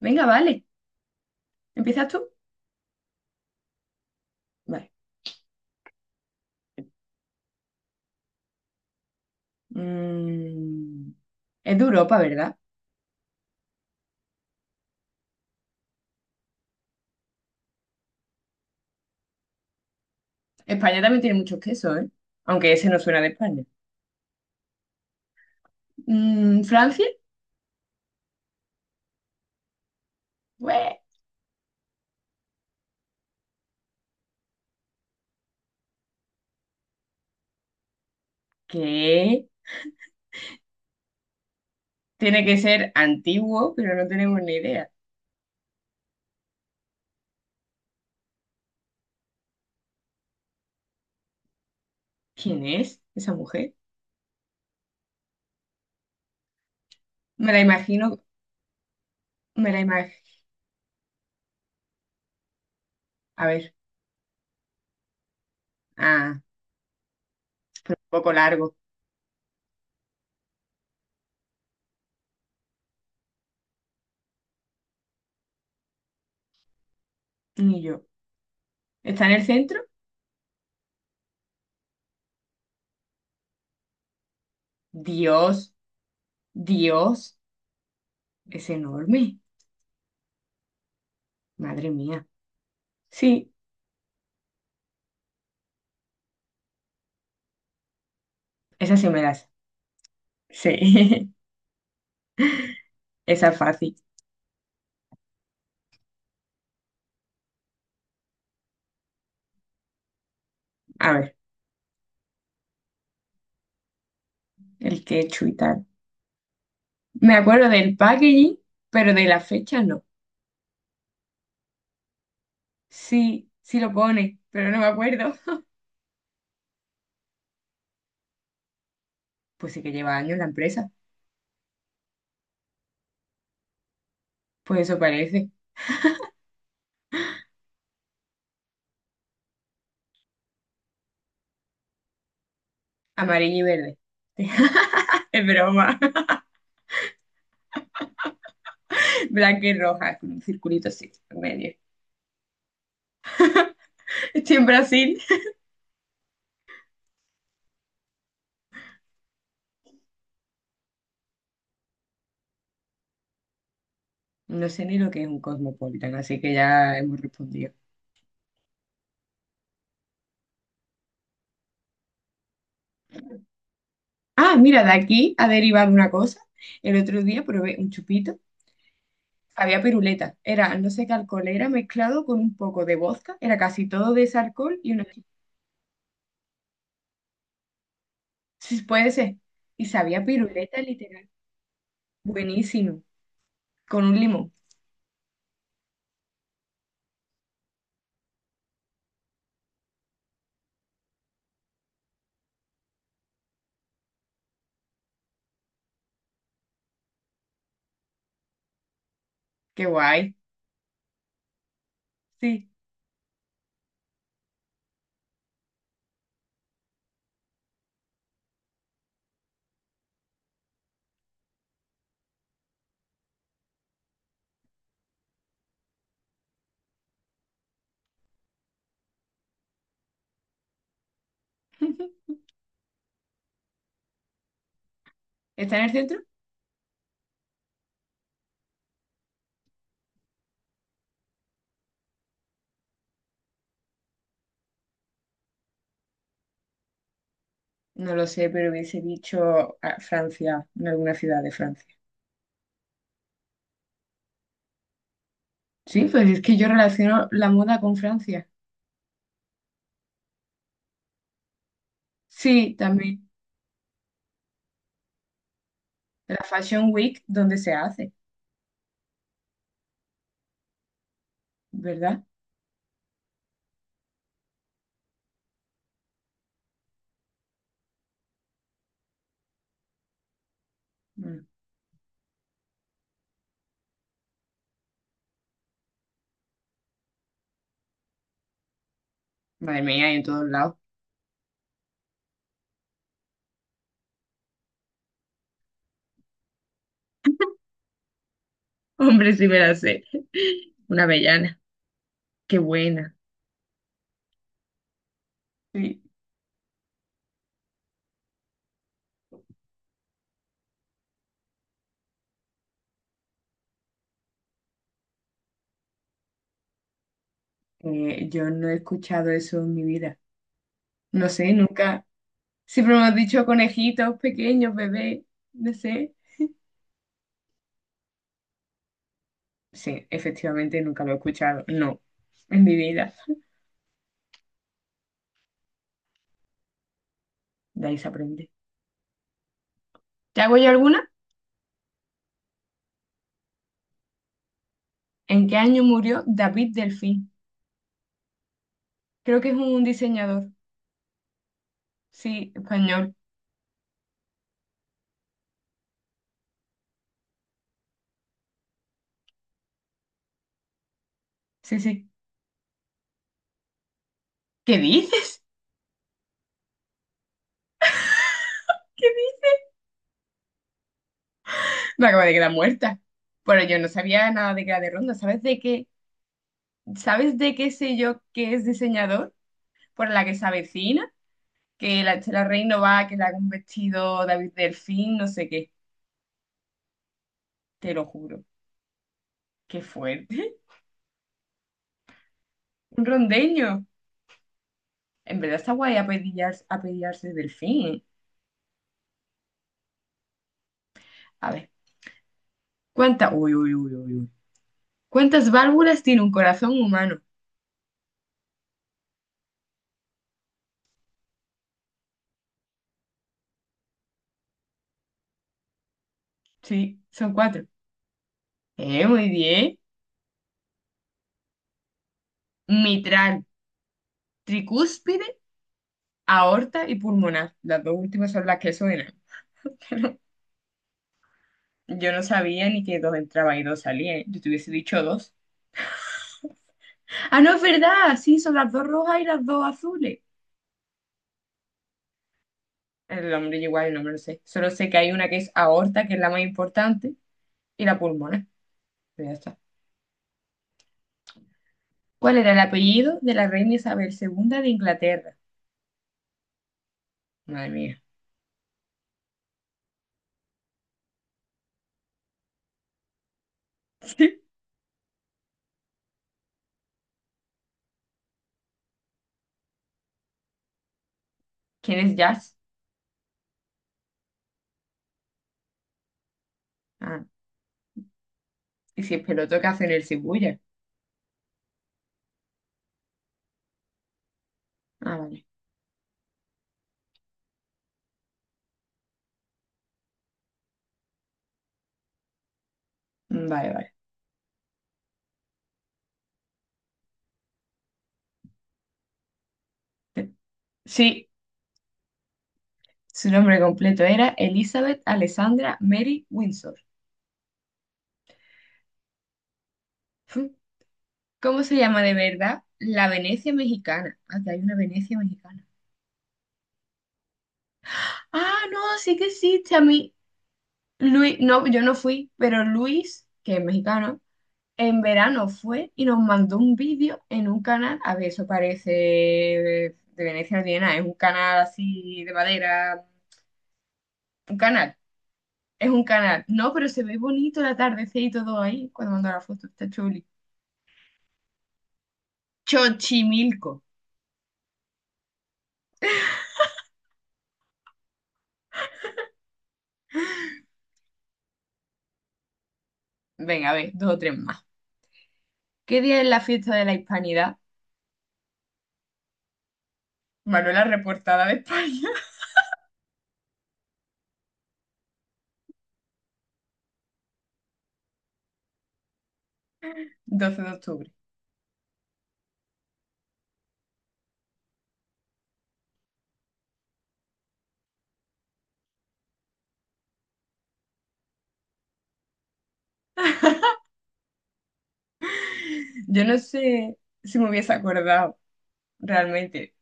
Venga, vale. ¿Empiezas tú? Vale. Mm, es de Europa, ¿verdad? España también tiene muchos quesos, ¿eh? Aunque ese no suena de España. ¿Francia? Bue, ¿Qué? Tiene que ser antiguo, pero no tenemos ni idea. ¿Quién es esa mujer? Me la imagino, me la imagino. A ver, un poco largo. Ni yo. ¿Está en el centro? Dios, Dios, es enorme. Madre mía. Sí, esa sí me das. Sí, esa es fácil. A ver. El ketchup y tal. Me acuerdo del packaging, pero de la fecha no. Sí, sí lo pone, pero no me acuerdo. Pues sí que lleva años la empresa. Pues eso parece, amarillo y verde. Es broma. Blanca y roja, con un circulito así en medio. Estoy en Brasil. No sé ni lo que es un cosmopolitan, así que ya hemos respondido. Ah, mira, de aquí ha derivado una cosa. El otro día probé un chupito. Había piruleta, era no sé qué alcohol, era mezclado con un poco de vodka, era casi todo de ese alcohol y una... Sí, puede ser. Y sabía piruleta literal. Buenísimo, con un limón. Qué guay. Sí. ¿Está en el centro? No lo sé, pero hubiese dicho Francia, en alguna ciudad de Francia. Sí, pues es que yo relaciono la moda con Francia. Sí, también. La Fashion Week, donde se hace, ¿verdad? Mm. Madre mía, y en todos lados. Hombre, sí me la sé. Una avellana. Qué buena. Sí, yo no he escuchado eso en mi vida. No sé, nunca. Siempre me han dicho conejitos pequeños, bebé, no sé. Sí, efectivamente nunca lo he escuchado. No, en mi vida. De ahí se aprende. ¿Te hago yo alguna? ¿En qué año murió David Delfín? Creo que es un diseñador. Sí, español. Sí, sí. ¿Qué dices? ¿Qué dices? Me acaba de quedar muerta. Pero yo no sabía nada de Gala de Ronda. ¿Sabes de qué? ¿Sabes de qué sé yo que es diseñador? Por la que se avecina que la Chela Rey no va, que le haga un vestido David Delfín, no sé qué, te lo juro, qué fuerte. Un rondeño. En verdad está guay apellidarse Delfín. ¿Eh? A ver, ¿cuántas? Uy, uy, uy, uy, uy. ¿Cuántas válvulas tiene un corazón humano? Sí, son cuatro. Muy bien. Mitral, tricúspide, aorta y pulmonar. Las dos últimas son las que suenan. Pero yo no sabía ni que dos entraban y dos salían. Yo te hubiese dicho dos. Ah, no, es verdad. Sí, son las dos rojas y las dos azules. El nombre yo igual, el nombre lo sé. Solo sé que hay una que es aorta, que es la más importante, y la pulmonar. Pero ya está. ¿Cuál era el apellido de la reina Isabel II de Inglaterra? Madre mía. ¿Quién es Jazz? Ah, y si es peloto, ¿qué hace en el Shibuya? Ah, vale. Mm, vale, vale. Te- Sí, su nombre completo era Elizabeth Alessandra Mary Windsor. Fu. ¿Cómo se llama de verdad? La Venecia mexicana. Ah, que hay una Venecia mexicana. Ah, no, sí que existe a mí. Luis, no, yo no fui, pero Luis, que es mexicano, en verano fue y nos mandó un vídeo en un canal, a ver, eso parece de Venecia no tiene nada, es un canal así de madera, un canal, es un canal, no, pero se ve bonito el atardecer y todo ahí, cuando mandó la foto, está chuli. Chochimilco, venga, a ver, dos o tres más. ¿Qué día es la fiesta de la Hispanidad? Manuela Reportada de España, 12 de octubre. Yo no sé si me hubiese acordado realmente.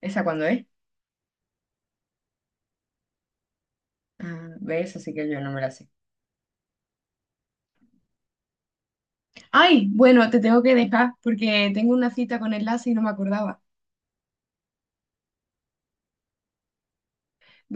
¿Esa cuándo es? Ah, ¿ves? Así que yo no me la sé. Ay, bueno, te tengo que dejar porque tengo una cita con el enlace y no me acordaba.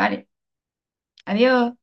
Vale, adiós.